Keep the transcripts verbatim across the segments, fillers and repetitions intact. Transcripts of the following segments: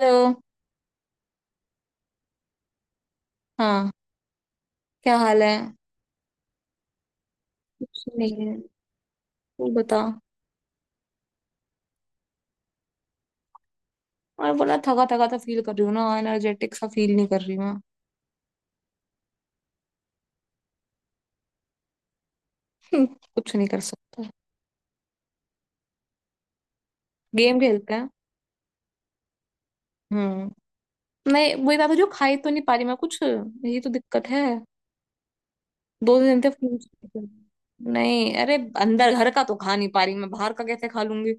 Hello. हाँ। क्या हाल है? कुछ नहीं है। तू बता। और बोला, थका थका तो फील कर रही हूँ ना, एनर्जेटिक सा फील नहीं कर रही मैं। हम्म, कुछ नहीं कर सकता। गेम खेलते हैं। हम्म। नहीं, वही बात है, जो खाई तो नहीं पा रही मैं कुछ, ये तो दिक्कत है। दो दिन से फोन चलाती हूँ। नहीं, अरे। अंदर घर का तो खा नहीं पा रही, मैं बाहर का कैसे खा लूंगी?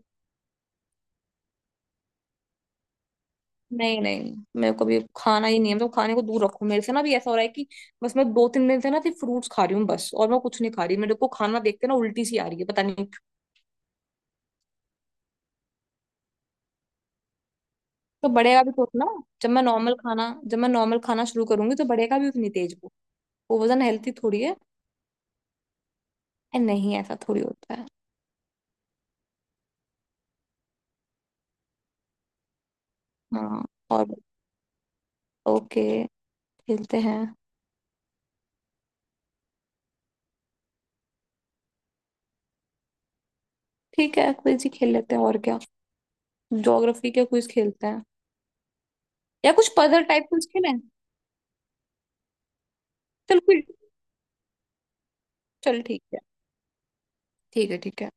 नहीं, नहीं। मेरे को भी खाना ही नहीं है, तो खाने को दूर रखो मेरे से, ना भी ऐसा हो रहा है कि। बस मैं दो तीन दिन से ना सिर्फ फ्रूट्स खा रही हूँ, बस और मैं कुछ नहीं खा रही। मेरे को खाना देखते ना उल्टी सी आ रही है, पता नहीं। तो बढ़ेगा भी तो उतना। जब मैं नॉर्मल खाना जब मैं नॉर्मल खाना शुरू करूंगी तो बढ़ेगा भी उतनी तेज वो। वो वजन हेल्थी थोड़ी है। ए, नहीं ऐसा थोड़ी होता है। हाँ। और, ओके, खेलते हैं। ठीक है, क्विज ही खेल लेते हैं और क्या। ज्योग्राफी के क्विज खेलते हैं। या कुछ पजल टाइप क्विज खेलें? चल क्विज। चल ठीक है। ठीक है, ठीक है।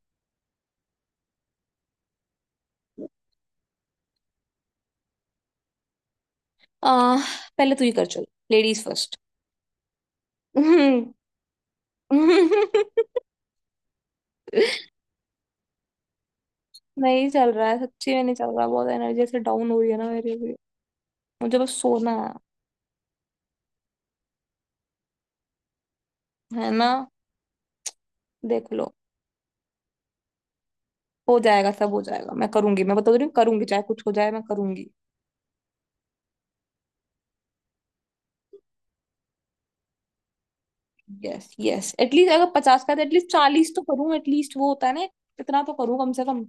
आ, पहले तू ही कर, चल लेडीज फर्स्ट। नहीं चल रहा है, सच्ची में नहीं चल रहा, बहुत एनर्जी से डाउन हो रही है ना, मेरी भी। मुझे बस सोना है। है ना। देख लो। हो जाएगा, सब हो जाएगा। मैं करूंगी, मैं बता रही हूँ करूंगी, चाहे कुछ हो जाए मैं करूंगी। यस, यस, एटलीस्ट अगर पचास का है एटलीस्ट चालीस तो करूँ, एटलीस्ट वो होता है ना। इतना तो करूँ, कम से कम।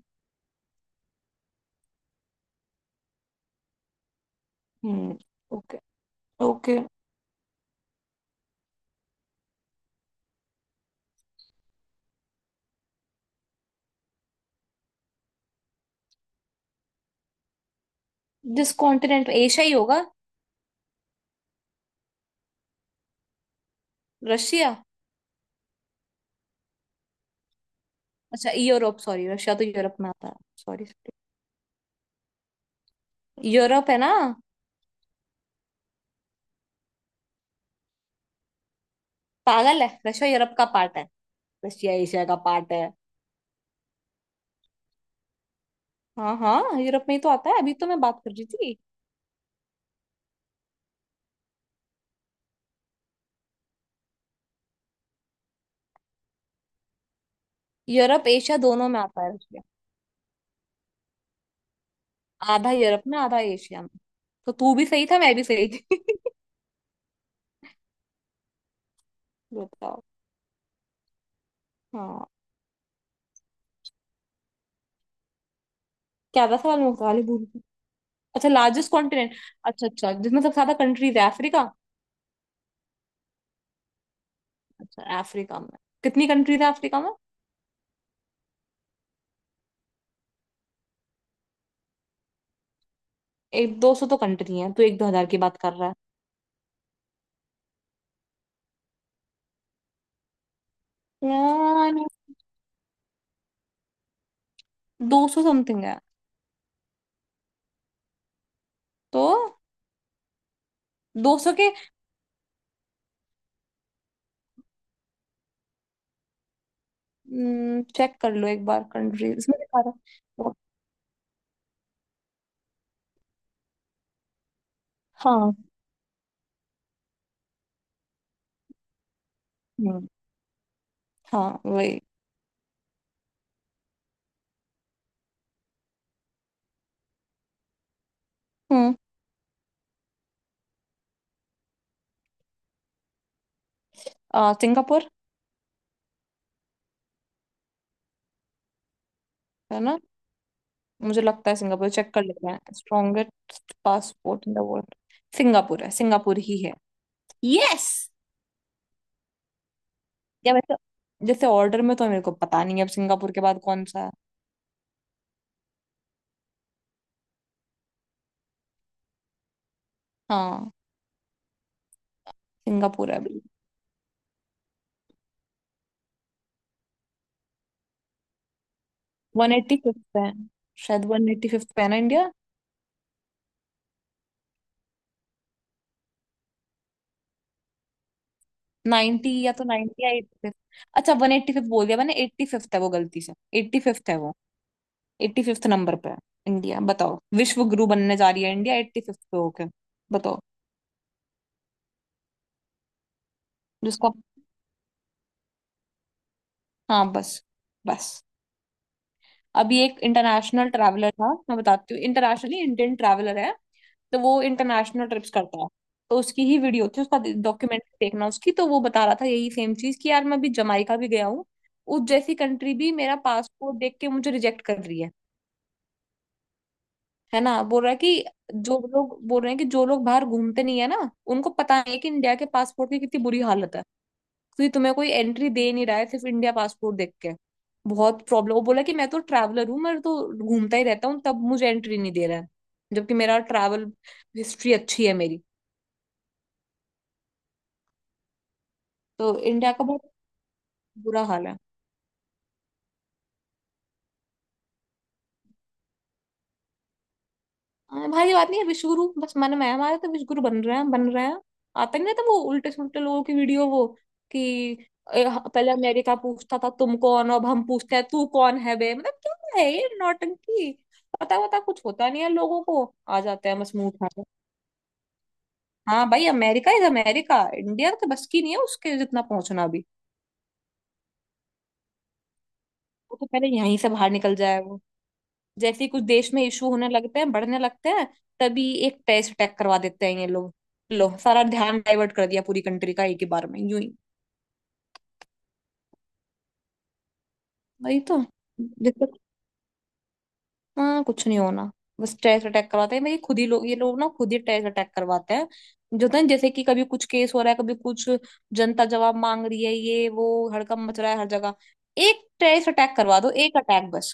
हम्म। Okay, okay. जिस कॉन्टिनेंट एशिया ही होगा। रशिया। अच्छा, यूरोप, सॉरी, रशिया तो यूरोप में आता है। Sorry, sorry. यूरोप है ना। पागल है, रशिया यूरोप का पार्ट है। रशिया एशिया का पार्ट है। हाँ, हाँ, यूरोप में ही तो आता है, अभी तो मैं बात कर रही थी। यूरोप एशिया दोनों में आता है। आधा यूरोप में, आधा एशिया में। तो तू भी सही था, मैं भी सही थी। बताओ। हाँ। क्या था सवाल, मैं सवाल ही भूल गई। अच्छा, लार्जेस्ट कॉन्टिनेंट। अच्छा, अच्छा, जिसमें सबसे ज्यादा कंट्रीज है, अफ्रीका। अच्छा, अफ्रीका में। कितनी कंट्रीज है अफ्रीका में? एक दो सौ तो कंट्री है, तू एक दो हजार की बात कर रहा है। यार, दो सौ समथिंग है। तो दो सौ के। चेक कर लो एक बार, कंट्री इसमें दिखा रहा है। हाँ। हम्म, हाँ वही। हम्म। आ, सिंगापुर। है ना। मुझे लगता है सिंगापुर, चेक कर लेते हैं, strongest passport in the world. Singapore है, सिंगापुर ही है। यस। या वैसे। जैसे ऑर्डर में तो मेरे को पता नहीं है, अब सिंगापुर के बाद कौन सा है। हाँ। सिंगापुर है अभी। वन एट्टी फिफ्थ पे है। शायद वन एट्टी फिफ्थ पे है ना, इंडिया। नाइनटी या तो नाइनटी या एट्टी फिफ्थ। अच्छा, वन एट्टी फिफ्थ बोल दिया मैंने, एट्टी फिफ्थ है वो, गलती से। एट्टी फिफ्थ है वो। एट्टी फिफ्थ नंबर पे है। इंडिया बताओ, विश्व गुरु बनने जा रही है, इंडिया एट्टी फिफ्थ पे होके। बताओ। जिसको। हाँ, बस। बस। अभी एक इंटरनेशनल ट्रैवलर था, मैं बताती हूँ, इंटरनेशनली इंडियन ट्रैवलर है। तो वो इंटरनेशनल ट्रिप्स करता है। तो उसकी ही वीडियो थी, उसका डॉक्यूमेंट देखना उसकी, तो वो बता रहा था यही सेम चीज कि यार, मैं अभी जमाइका भी गया हूँ। उस जैसी कंट्री भी मेरा पासपोर्ट देख के मुझे रिजेक्ट कर रही है। है ना, बोल रहा है कि जो लोग बोल रहे हैं, कि जो लोग बाहर घूमते नहीं है ना, उनको पता नहीं है कि इंडिया के पासपोर्ट की कितनी बुरी हालत है। क्योंकि तुम्हें कोई एंट्री दे नहीं रहा है, सिर्फ इंडिया पासपोर्ट देख के। बहुत प्रॉब्लम, वो बोला कि मैं तो ट्रैवलर हूँ, मैं तो घूमता ही रहता हूँ, तब मुझे एंट्री नहीं दे रहा है। जबकि मेरा ट्रैवल हिस्ट्री अच्छी है मेरी। तो इंडिया का बहुत बुरा हाल है। हाँ, भाई, ये बात नहीं है, विश्वगुरु बस मन में है हमारे, तो विश्वगुरु बन रहे हैं, बन रहे हैं। आता ही नहीं था वो उल्टे सुल्टे लोगों की वीडियो वो, कि ए, ह- पहले अमेरिका पूछता था तुम कौन हो, अब हम पूछते हैं तू कौन है बे, मतलब क्या है ये नौटंकी। पता वता कुछ होता नहीं है लोगों को, आ जाते हैं बस मुंह उठा। हाँ भाई, अमेरिका इज अमेरिका, इंडिया तो बस की नहीं है उसके जितना पहुंचना भी। वो तो पहले यहीं से बाहर निकल जाए वो। जैसे ही कुछ देश में इशू होने लगते हैं, बढ़ने लगते हैं, तभी एक टेररिस्ट अटैक करवा देते हैं ये लोग। लो, सारा ध्यान डाइवर्ट कर दिया पूरी कंट्री का एक ही बार में, यूं ही। वही तो। हाँ, कुछ नहीं होना। बस टेरर अटैक करवाते हैं भाई, खुद ही लोग, ये लोग ना खुद ही टेरर अटैक करवाते हैं। जो होता है ना, जैसे कि कभी कुछ केस हो रहा है, कभी कुछ जनता जवाब मांग रही है, ये वो हड़कंप मच रहा है हर जगह। एक टेरर अटैक करवा दो, एक अटैक बस।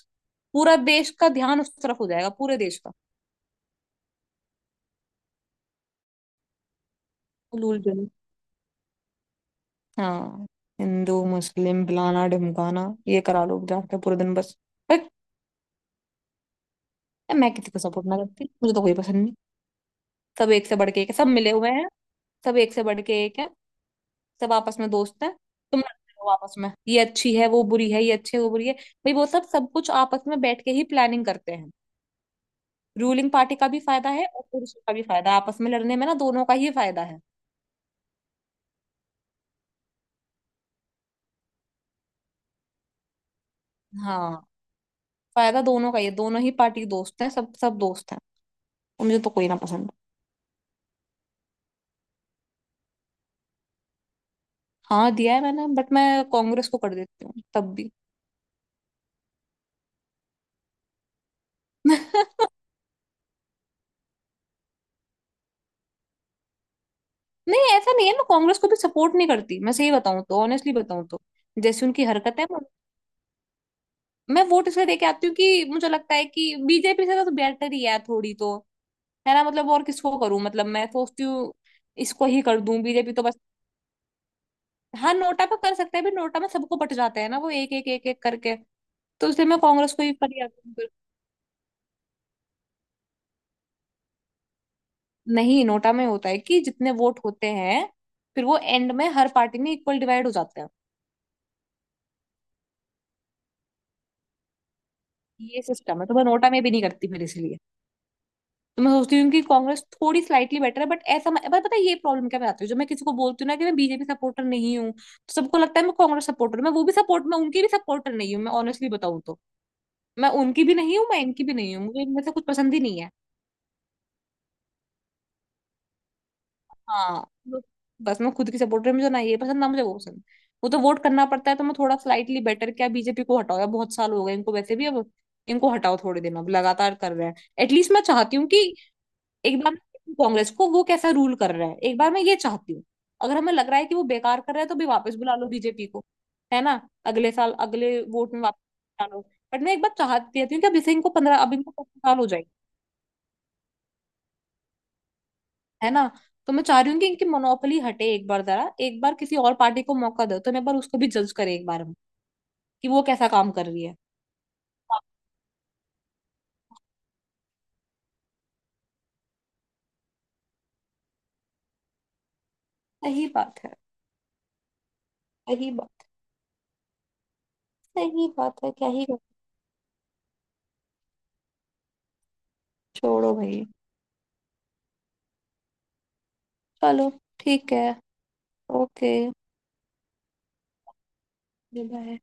पूरा देश का ध्यान उस तरफ हो जाएगा, पूरे देश का। हुलूल जुलूल। हाँ। हिंदू मुस्लिम फलाना ढिमकाना ये करा लो जाके पूरे दिन बस। बट मैं किसी को सपोर्ट ना करती, मुझे तो कोई पसंद नहीं। सब एक से बढ़ के एक है, सब मिले हुए हैं। सब एक से बढ़ के एक है। सब आपस में दोस्त हैं। तुम लड़ते हो आपस में, ये अच्छी है वो बुरी है, ये अच्छी है वो बुरी है, भाई वो सब, सब कुछ आपस में बैठ के ही प्लानिंग करते हैं। रूलिंग पार्टी का भी फायदा है और पुरुषों का भी फायदा है, आपस में लड़ने में ना दोनों का ही फायदा है। हाँ। फायदा दोनों का ही है, दोनों ही पार्टी के दोस्त हैं, सब सब दोस्त हैं। और मुझे तो कोई ना पसंद। हाँ, दिया है मैंने, बट मैं कांग्रेस को कर देती हूँ तब भी। नहीं ऐसा नहीं है, मैं कांग्रेस को भी सपोर्ट नहीं करती, मैं सही बताऊं तो, ऑनेस्टली बताऊं तो जैसी उनकी हरकत है मैं। मैं वोट इसलिए दे के आती हूँ कि मुझे लगता है कि बीजेपी से तो बेटर ही है थोड़ी तो, है ना, मतलब और किसको करूं, मतलब मैं सोचती हूँ इसको ही कर दूं, बीजेपी तो बस। हाँ, नोटा पे कर सकते हैं, भी नोटा में सबको बट जाते हैं ना वो एक एक एक एक करके, तो इसलिए मैं कांग्रेस को ही, पर नहीं, नोटा में होता है कि जितने वोट होते हैं, फिर वो एंड में हर पार्टी में इक्वल डिवाइड हो जाते हैं। ये सिस्टम है, तो मैं नोटा में भी नहीं करती फिर, इसलिए तो मैं सोचती हूँ कि कांग्रेस थोड़ी स्लाइटली बेटर है, बट ऐसा मैं पर पता है ये प्रॉब्लम, क्या मैं आती हूँ जब मैं किसी को बोलती हूँ ना कि मैं बीजेपी सपोर्टर नहीं हूँ, तो सबको लगता है मैं कांग्रेस सपोर्टर हूँ। मैं वो भी सपोर्ट, मैं उनकी भी सपोर्टर नहीं हूँ, मैं ऑनेस्टली बताऊँ तो मैं उनकी भी नहीं हूँ, मैं इनकी भी नहीं हूँ, मुझे इनमें से कुछ पसंद ही नहीं है। हाँ, बस मैं खुद की सपोर्टर, मुझे ना ये पसंद, ना मुझे वो पसंद। वो तो वोट करना पड़ता है, तो मैं थोड़ा स्लाइटली बेटर क्या, बीजेपी को हटाओ यार, बहुत साल हो गए इनको वैसे भी अब, इनको हटाओ थोड़े दिन, अब लगातार कर रहे हैं। एटलीस्ट मैं चाहती हूँ कि एक बार मैं कांग्रेस को, वो कैसा रूल कर रहा है, एक बार मैं ये चाहती हूँ, अगर हमें लग रहा है कि वो बेकार कर रहा है तो भी वापस बुला लो बीजेपी को, है ना, अगले साल अगले वोट में वापस बुला लो। बट मैं एक बार चाहती थी कि अभी से इनको पंद्रह अभी इनको पंद्रह साल हो जाएंगे, है ना। तो मैं चाह रही हूँ कि इनकी मोनोपोली हटे एक बार, जरा एक बार किसी और पार्टी को मौका दो, तो मैं एक बार उसको भी जज करे एक बार हम, कि वो कैसा काम कर रही है। सही बात है। सही बात। सही बात है, क्या ही कर- छोड़ो भाई। चलो ठीक है। Okay bye.